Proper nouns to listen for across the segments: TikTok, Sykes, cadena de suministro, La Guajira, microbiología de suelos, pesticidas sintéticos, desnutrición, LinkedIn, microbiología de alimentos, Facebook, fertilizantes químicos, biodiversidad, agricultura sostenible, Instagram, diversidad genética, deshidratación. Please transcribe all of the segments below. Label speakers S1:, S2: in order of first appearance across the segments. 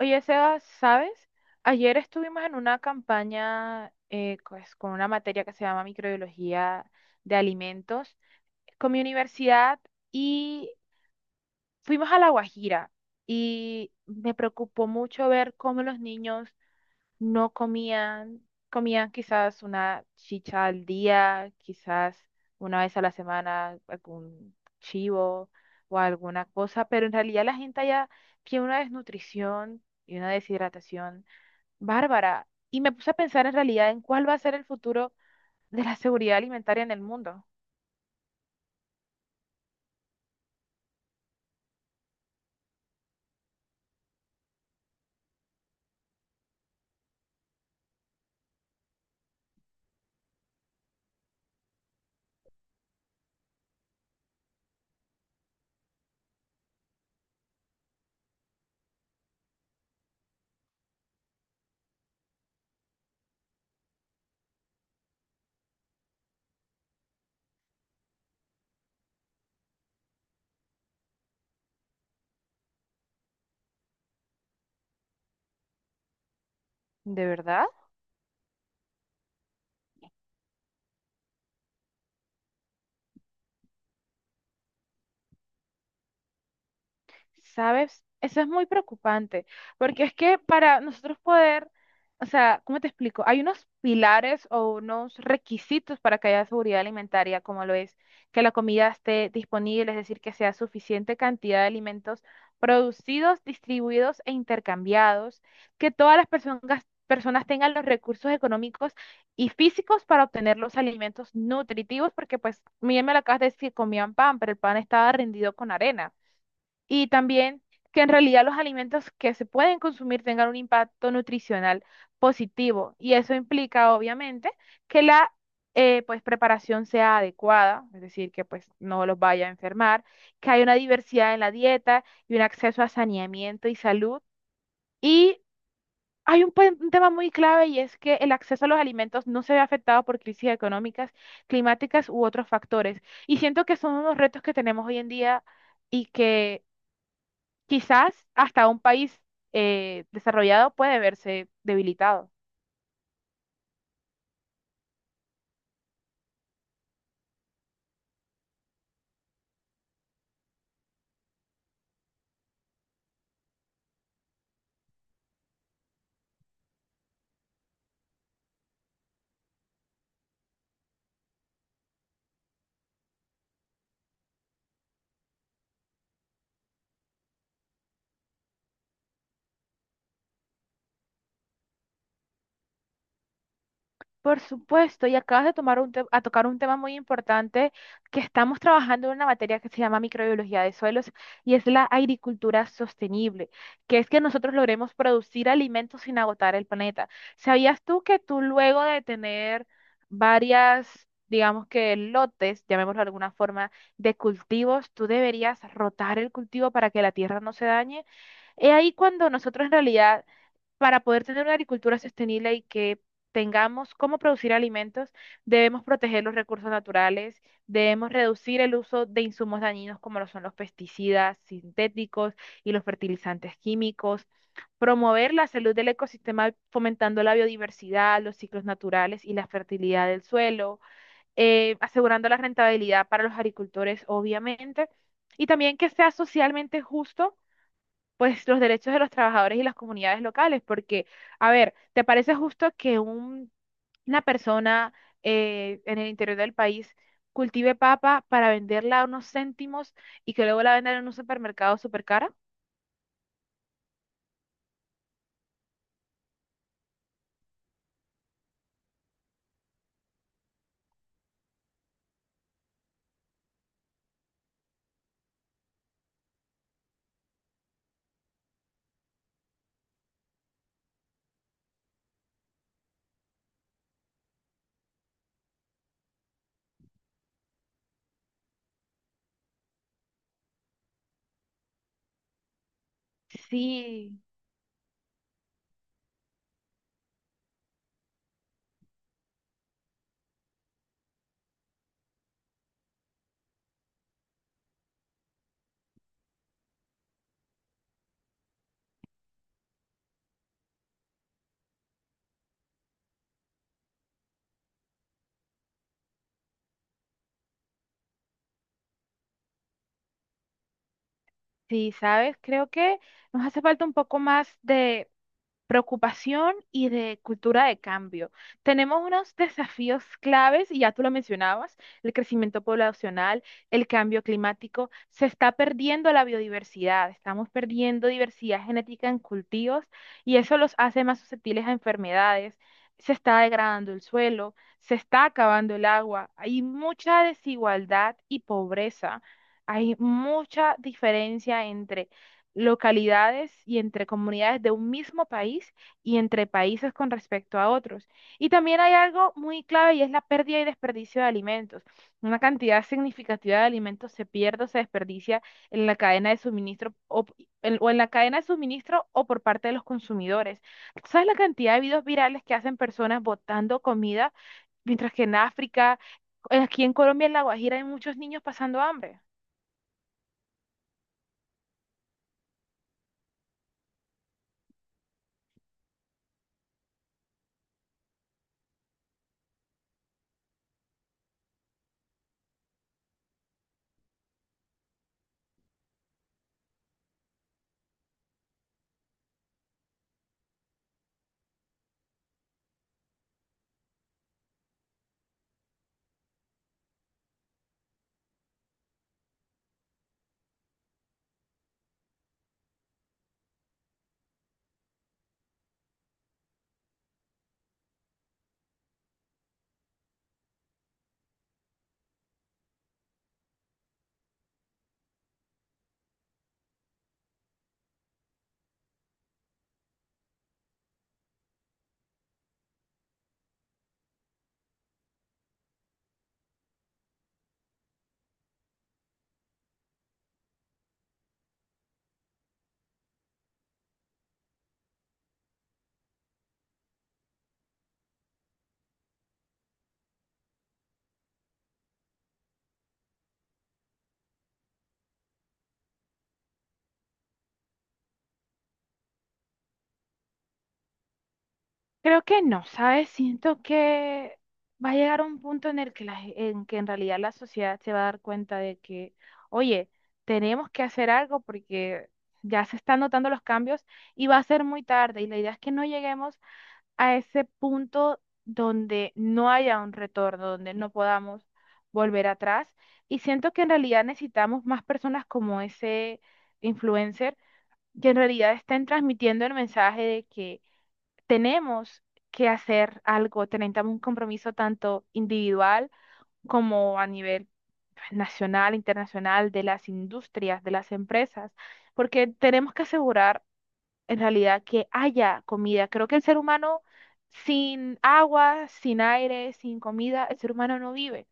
S1: Oye, Sebas, ¿sabes? Ayer estuvimos en una campaña con una materia que se llama microbiología de alimentos con mi universidad y fuimos a La Guajira y me preocupó mucho ver cómo los niños no comían, comían quizás una chicha al día, quizás una vez a la semana algún chivo o alguna cosa, pero en realidad la gente allá tiene una desnutrición y una deshidratación Bárbara, y me puse a pensar en realidad en cuál va a ser el futuro de la seguridad alimentaria en el mundo. ¿De verdad? ¿Sabes? Eso es muy preocupante, porque es que para nosotros poder, o sea, ¿cómo te explico? Hay unos pilares o unos requisitos para que haya seguridad alimentaria, como lo es que la comida esté disponible, es decir, que sea suficiente cantidad de alimentos producidos, distribuidos e intercambiados, que todas las personas, personas tengan los recursos económicos y físicos para obtener los alimentos nutritivos, porque pues, bien me lo acabas de decir, comían pan, pero el pan estaba rendido con arena y también que en realidad los alimentos que se pueden consumir tengan un impacto nutricional positivo. Y eso implica, obviamente, que la preparación sea adecuada, es decir, que pues, no los vaya a enfermar, que haya una diversidad en la dieta y un acceso a saneamiento y salud. Y hay un tema muy clave y es que el acceso a los alimentos no se ve afectado por crisis económicas, climáticas u otros factores. Y siento que son unos retos que tenemos hoy en día y que quizás hasta un país desarrollado puede verse debilitado. Por supuesto, y acabas de tomar a tocar un tema muy importante que estamos trabajando en una materia que se llama microbiología de suelos y es la agricultura sostenible, que es que nosotros logremos producir alimentos sin agotar el planeta. ¿Sabías tú que tú luego de tener varias, digamos que lotes, llamémoslo de alguna forma, de cultivos, tú deberías rotar el cultivo para que la tierra no se dañe? Es ahí cuando nosotros en realidad, para poder tener una agricultura sostenible y que tengamos cómo producir alimentos, debemos proteger los recursos naturales, debemos reducir el uso de insumos dañinos como lo son los pesticidas sintéticos y los fertilizantes químicos, promover la salud del ecosistema fomentando la biodiversidad, los ciclos naturales y la fertilidad del suelo, asegurando la rentabilidad para los agricultores, obviamente, y también que sea socialmente justo pues los derechos de los trabajadores y las comunidades locales, porque, a ver, ¿te parece justo que una persona en el interior del país cultive papa para venderla a unos céntimos y que luego la vendan en un supermercado súper cara? Sí, sí, ¿sabes? Creo que nos hace falta un poco más de preocupación y de cultura de cambio. Tenemos unos desafíos claves, y ya tú lo mencionabas, el crecimiento poblacional, el cambio climático, se está perdiendo la biodiversidad, estamos perdiendo diversidad genética en cultivos y eso los hace más susceptibles a enfermedades. Se está degradando el suelo, se está acabando el agua, hay mucha desigualdad y pobreza, hay mucha diferencia entre localidades y entre comunidades de un mismo país y entre países con respecto a otros. Y también hay algo muy clave y es la pérdida y desperdicio de alimentos. Una cantidad significativa de alimentos se pierde o se desperdicia en la cadena de suministro o en la cadena de suministro o por parte de los consumidores. ¿Sabes la cantidad de videos virales que hacen personas botando comida, mientras que en África, aquí en Colombia, en La Guajira, hay muchos niños pasando hambre? Creo que no, ¿sabes? Siento que va a llegar un punto en el que en que en realidad la sociedad se va a dar cuenta de que, oye, tenemos que hacer algo porque ya se están notando los cambios y va a ser muy tarde. Y la idea es que no lleguemos a ese punto donde no haya un retorno, donde no podamos volver atrás. Y siento que en realidad necesitamos más personas como ese influencer que en realidad estén transmitiendo el mensaje de que tenemos que hacer algo, tenemos un compromiso tanto individual como a nivel pues, nacional, internacional, de las industrias, de las empresas, porque tenemos que asegurar en realidad que haya comida. Creo que el ser humano sin agua, sin aire, sin comida, el ser humano no vive.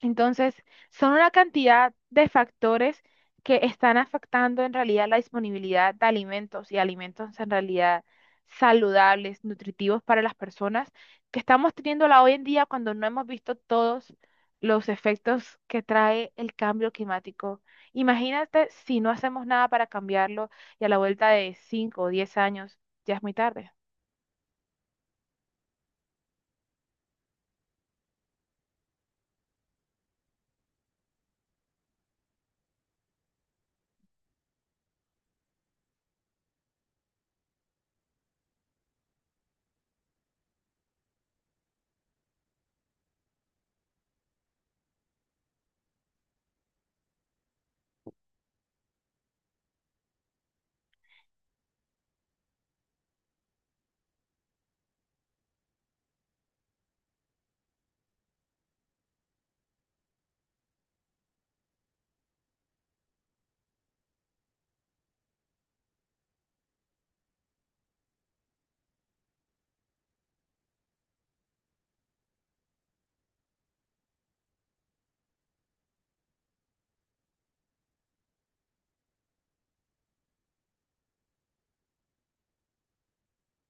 S1: Entonces, son una cantidad de factores que están afectando en realidad la disponibilidad de alimentos y alimentos en realidad saludables, nutritivos para las personas, que estamos teniéndola hoy en día cuando no hemos visto todos los efectos que trae el cambio climático. Imagínate si no hacemos nada para cambiarlo y a la vuelta de 5 o 10 años ya es muy tarde.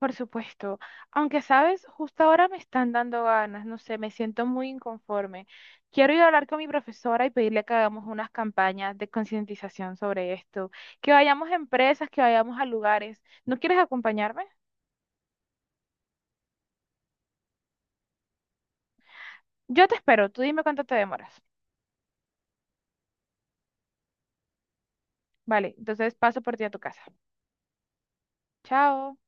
S1: Por supuesto, aunque sabes, justo ahora me están dando ganas, no sé, me siento muy inconforme. Quiero ir a hablar con mi profesora y pedirle que hagamos unas campañas de concientización sobre esto, que vayamos a empresas, que vayamos a lugares. ¿No quieres acompañarme? Yo te espero, tú dime cuánto te demoras. Vale, entonces paso por ti a tu casa. Chao.